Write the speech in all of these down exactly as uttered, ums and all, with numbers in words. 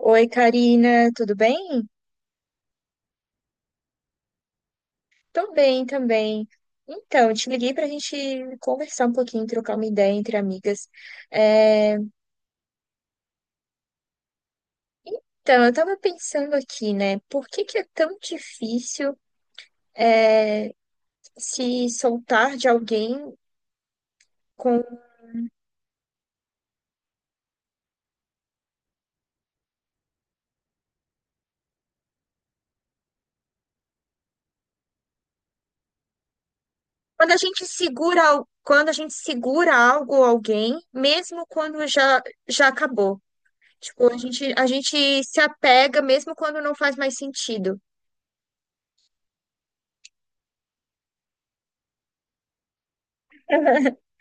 Oi, Karina, tudo bem? Tô bem também. Então, te liguei para a gente conversar um pouquinho, trocar uma ideia entre amigas. É. Então, eu tava pensando aqui, né? Por que que é tão difícil, é, se soltar de alguém com... Quando a gente segura, al- quando a gente segura algo ou alguém, mesmo quando já, já acabou. Tipo, a gente, a gente se apega mesmo quando não faz mais sentido.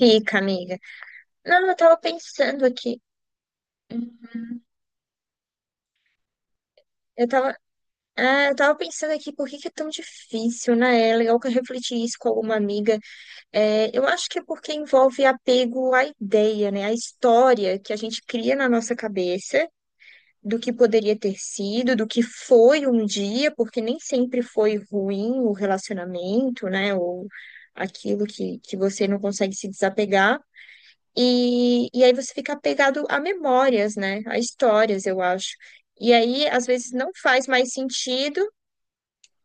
Fica, amiga. Não, eu tava pensando aqui. Eu tava, ah, eu tava pensando aqui por que que é tão difícil, né? É legal que eu refleti isso com alguma amiga. É, eu acho que é porque envolve apego à ideia, né? À história que a gente cria na nossa cabeça do que poderia ter sido, do que foi um dia, porque nem sempre foi ruim o relacionamento, né? Ou aquilo que, que você não consegue se desapegar. E, e aí você fica apegado a memórias, né? A histórias, eu acho. E aí, às vezes, não faz mais sentido,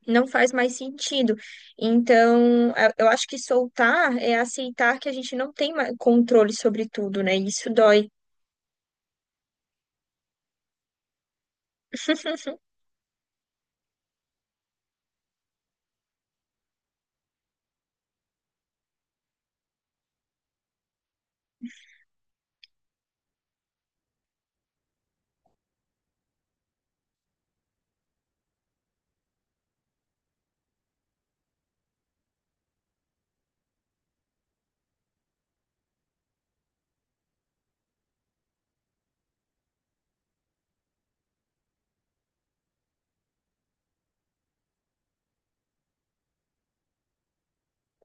não faz mais sentido. Então, a- eu acho que soltar é aceitar que a gente não tem ma- controle sobre tudo, né? E isso dói,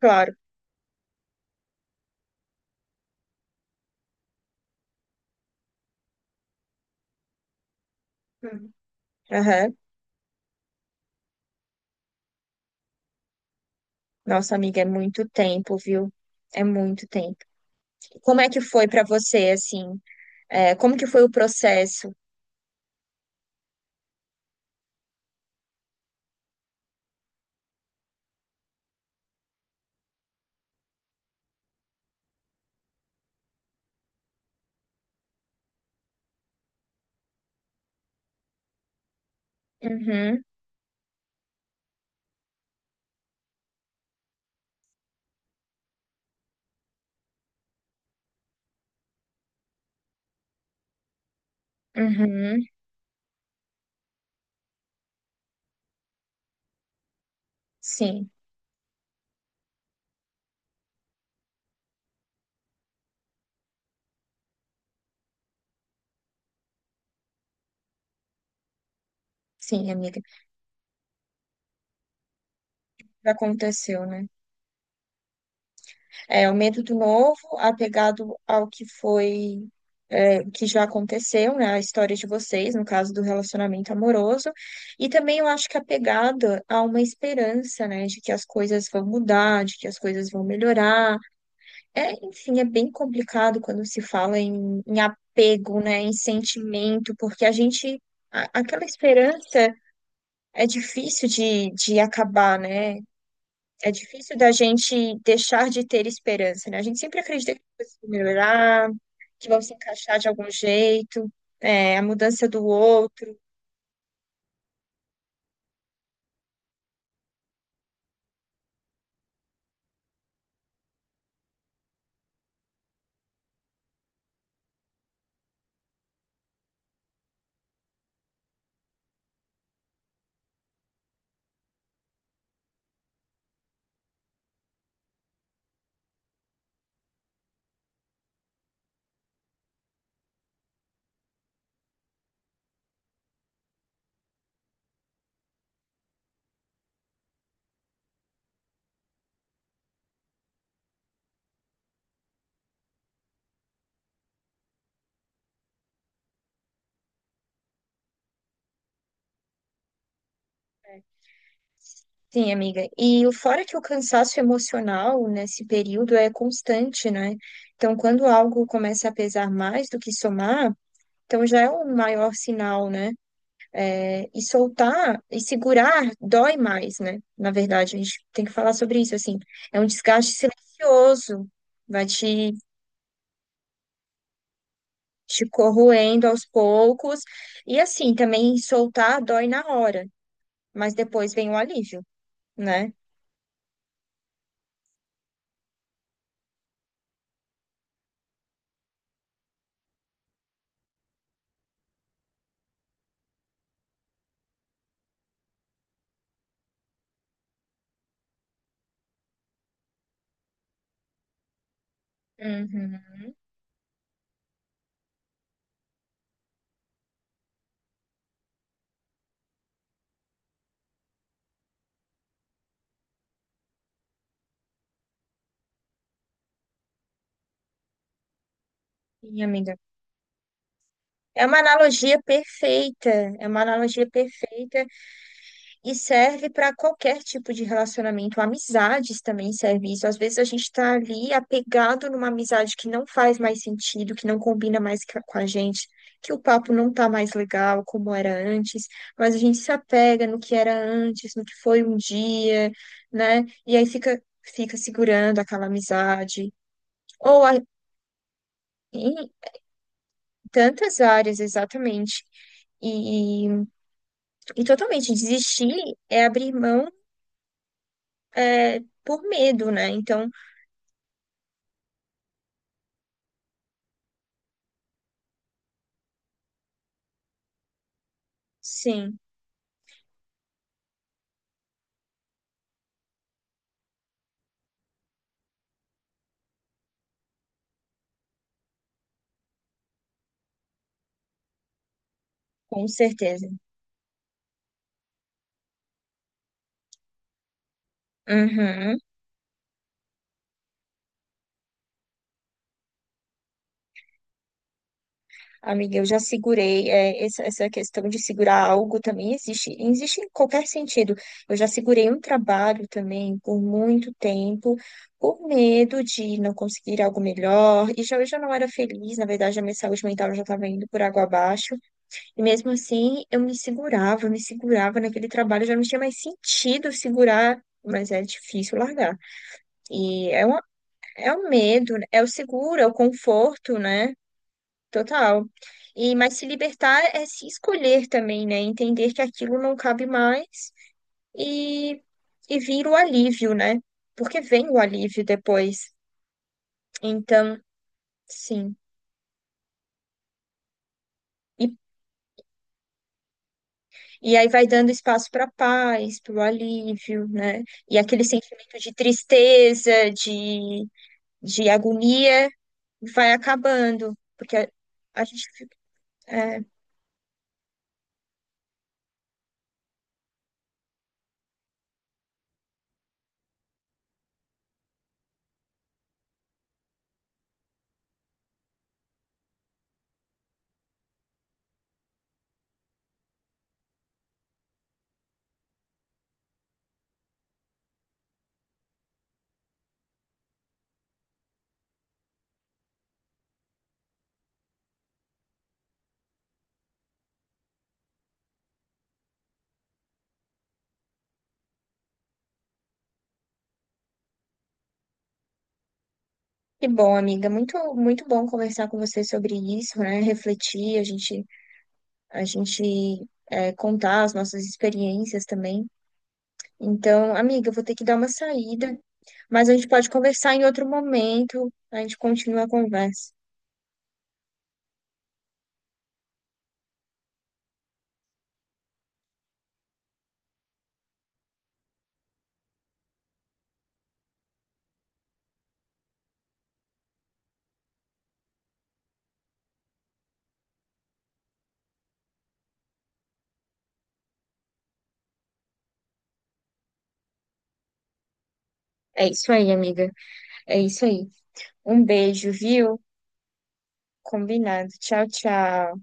claro. Hum. Aham. Nossa, amiga, é muito tempo, viu? É muito tempo. Como é que foi pra você, assim? É, como que foi o processo? Uhum, uhum. Sim, sim, amiga. Já aconteceu, né? É, o medo do novo, apegado ao que foi, é, que já aconteceu, né? A história de vocês, no caso do relacionamento amoroso. E também eu acho que apegado a uma esperança, né? De que as coisas vão mudar, de que as coisas vão melhorar. É, enfim, é bem complicado quando se fala em, em apego, né? Em sentimento, porque a gente. a- Aquela esperança é difícil de, de acabar, né? É difícil da gente deixar de ter esperança, né? A gente sempre acredita que as coisas vão melhorar, que vão se encaixar de algum jeito, é, a mudança do outro. Sim, amiga. E o fora que o cansaço emocional nesse período é constante, né? Então, quando algo começa a pesar mais do que somar, então já é um maior sinal, né? É, e soltar e segurar dói mais, né? Na verdade, a gente tem que falar sobre isso, assim. É um desgaste silencioso, vai te te corroendo aos poucos. E assim, também soltar dói na hora, mas depois vem o alívio, né? Uhum. Sim, amiga. É uma analogia perfeita, é uma analogia perfeita. E serve para qualquer tipo de relacionamento, amizades também serve isso. Às vezes a gente está ali apegado numa amizade que não faz mais sentido, que não combina mais ca- com a gente, que o papo não tá mais legal como era antes, mas a gente se apega no que era antes, no que foi um dia, né? E aí fica, fica segurando aquela amizade. Ou a- Em tantas áreas, exatamente. E, e totalmente desistir é abrir mão, é, por medo, né? Então, sim, com certeza. Uhum. Amiga, eu já segurei, é, essa, essa questão de segurar algo também existe, existe em qualquer sentido. Eu já segurei um trabalho também por muito tempo, por medo de não conseguir algo melhor, e já eu já não era feliz, na verdade, a minha saúde mental já estava indo por água abaixo, e mesmo assim eu me segurava, eu me segurava naquele trabalho, já não tinha mais sentido segurar, mas é difícil largar. E é uma... É o medo, né? É o seguro, é o conforto, né? Total. E mas se libertar é se escolher também, né? Entender que aquilo não cabe mais e e vir o alívio, né? Porque vem o alívio depois. Então, sim. E, e aí vai dando espaço para paz, para o alívio, né? E aquele sentimento de tristeza, de, de agonia vai acabando, porque a, a gente. Que bom, amiga. Muito, muito bom conversar com você sobre isso, né? Refletir, a gente, a gente é, contar as nossas experiências também. Então, amiga, eu vou ter que dar uma saída, mas a gente pode conversar em outro momento. A gente continua a conversa. É isso aí, amiga. É isso aí. Um beijo, viu? Combinado. Tchau, tchau.